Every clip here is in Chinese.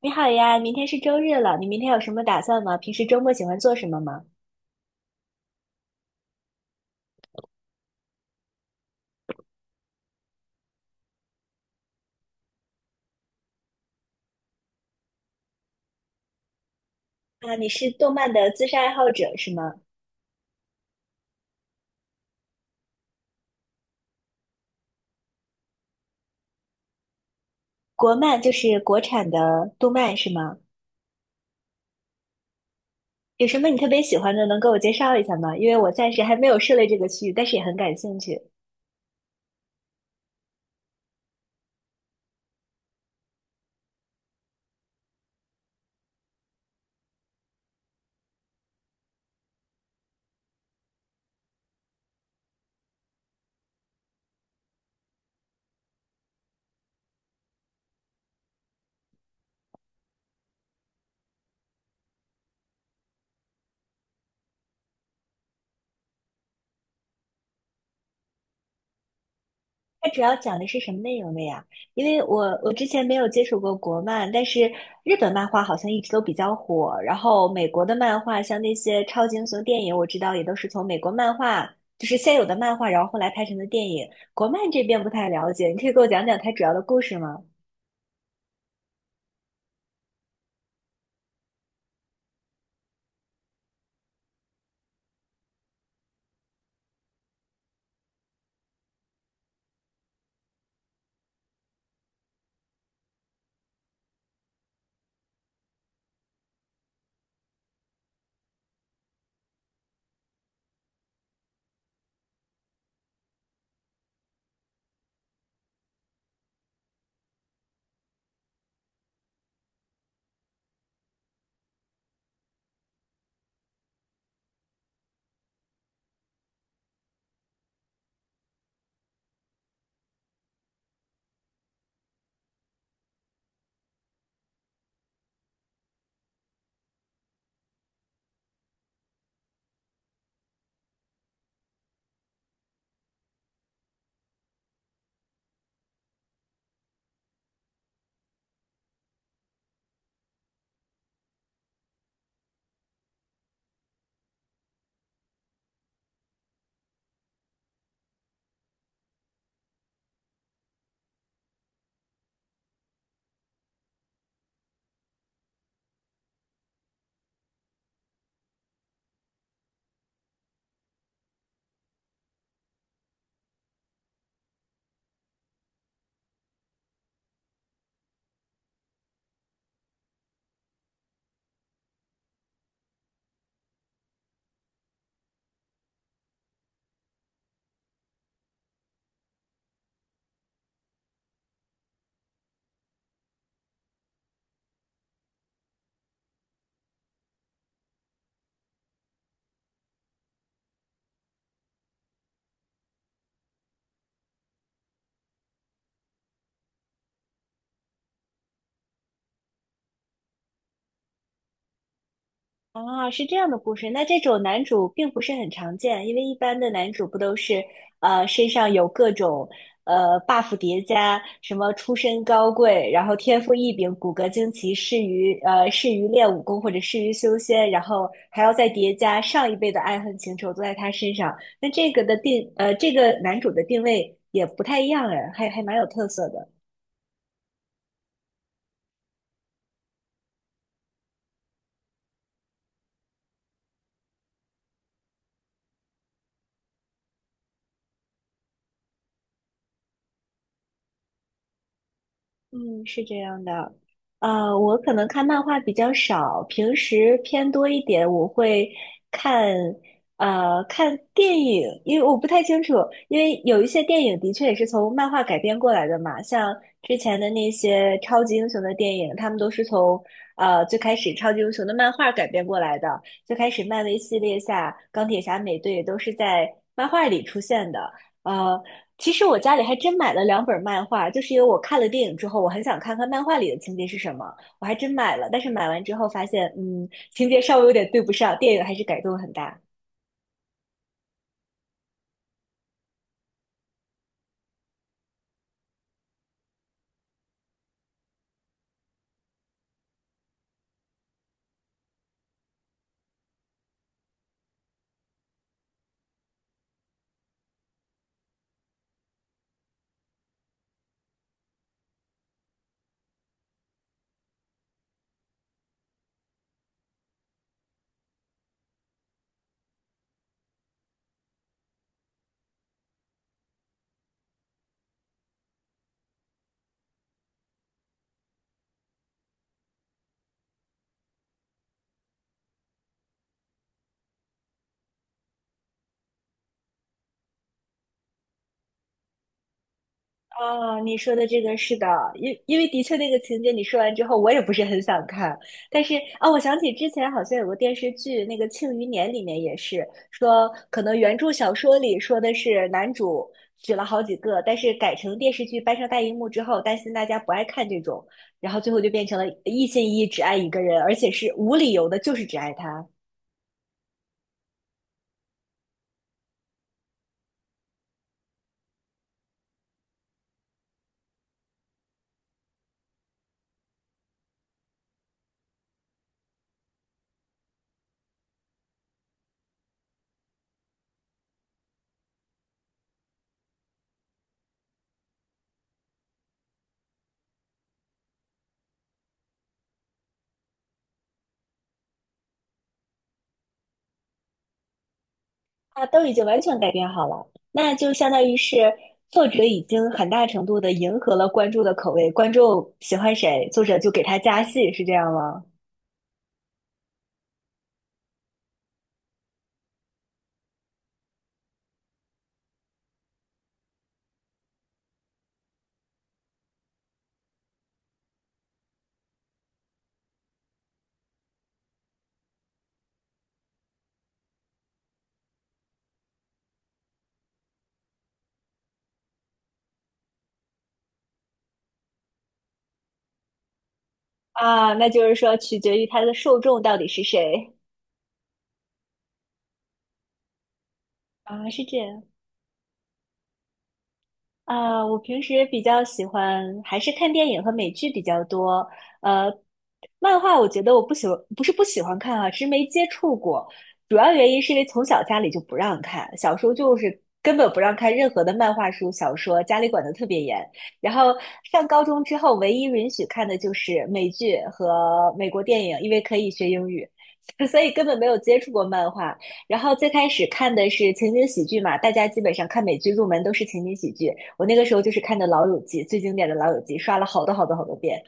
你好呀，明天是周日了，你明天有什么打算吗？平时周末喜欢做什么吗？啊，你是动漫的资深爱好者是吗？国漫就是国产的动漫是吗？有什么你特别喜欢的，能给我介绍一下吗？因为我暂时还没有涉猎这个区域，但是也很感兴趣。它主要讲的是什么内容的呀？因为我之前没有接触过国漫，但是日本漫画好像一直都比较火。然后美国的漫画，像那些超级英雄电影，我知道也都是从美国漫画，就是现有的漫画，然后后来拍成的电影。国漫这边不太了解，你可以给我讲讲它主要的故事吗？啊，是这样的故事。那这种男主并不是很常见，因为一般的男主不都是身上有各种buff 叠加，什么出身高贵，然后天赋异禀，骨骼惊奇，适于练武功或者适于修仙，然后还要再叠加上一辈的爱恨情仇都在他身上。那这个的定呃这个男主的定位也不太一样哎，还蛮有特色的。嗯，是这样的，我可能看漫画比较少，平时偏多一点。我会看，看电影，因为我不太清楚，因为有一些电影的确也是从漫画改编过来的嘛，像之前的那些超级英雄的电影，他们都是从最开始超级英雄的漫画改编过来的。最开始漫威系列下，钢铁侠、美队都是在漫画里出现的。呃。其实我家里还真买了两本漫画，就是因为我看了电影之后，我很想看看漫画里的情节是什么，我还真买了。但是买完之后发现，嗯，情节稍微有点对不上，电影还是改动很大。哦，你说的这个是的，因为的确那个情节你说完之后，我也不是很想看。但是啊、我想起之前好像有个电视剧，那个《庆余年》里面也是说，可能原著小说里说的是男主娶了好几个，但是改成电视剧搬上大荧幕之后，担心大家不爱看这种，然后最后就变成了一心一意只爱一个人，而且是无理由的，就是只爱他。啊，都已经完全改变好了，那就相当于是作者已经很大程度的迎合了观众的口味，观众喜欢谁，作者就给他加戏，是这样吗？啊，那就是说取决于他的受众到底是谁啊，是这样啊，我平时比较喜欢还是看电影和美剧比较多。呃，漫画我觉得我不喜欢，不是不喜欢看啊，是没接触过。主要原因是因为从小家里就不让看，小时候就是根本不让看任何的漫画书、小说，家里管的特别严。然后上高中之后，唯一允许看的就是美剧和美国电影，因为可以学英语，所以根本没有接触过漫画。然后最开始看的是情景喜剧嘛，大家基本上看美剧入门都是情景喜剧。我那个时候就是看的《老友记》，最经典的《老友记》，刷了好多好多好多遍，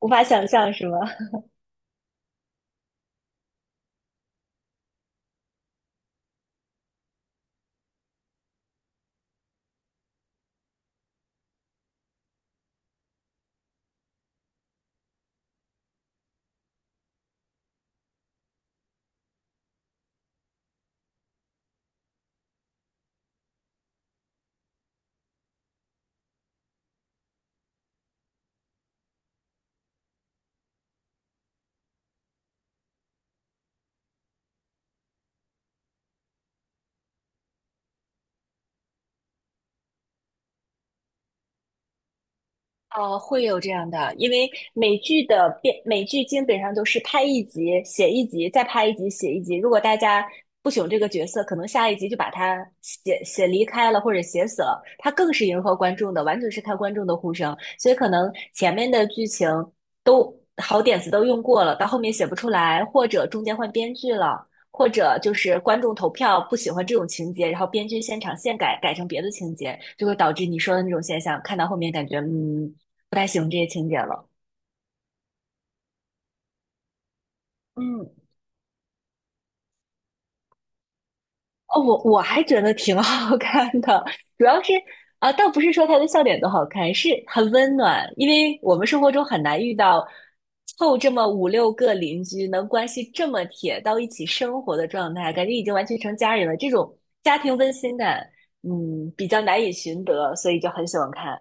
无法想象是吗？哦，会有这样的，因为美剧的编，美剧基本上都是拍一集写一集，再拍一集写一集。如果大家不喜欢这个角色，可能下一集就把他写离开了或者写死了。他更是迎合观众的，完全是看观众的呼声。所以可能前面的剧情都好点子都用过了，到后面写不出来，或者中间换编剧了，或者就是观众投票不喜欢这种情节，然后编剧现场现改，改成别的情节。就会导致你说的那种现象，看到后面感觉，嗯，不太喜欢这些情节了。嗯哦，我还觉得挺 好看的，主要是啊，倒不是说他的笑点多好看，是很温暖，因为我们生活中很难遇到凑这么五六个邻居能关系这么铁到一起生活的状态，感觉已经完全成家人了，这种家庭温馨感，嗯，比较难以寻得，所以就很喜欢看。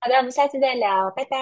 好的，我们下次再聊，拜拜。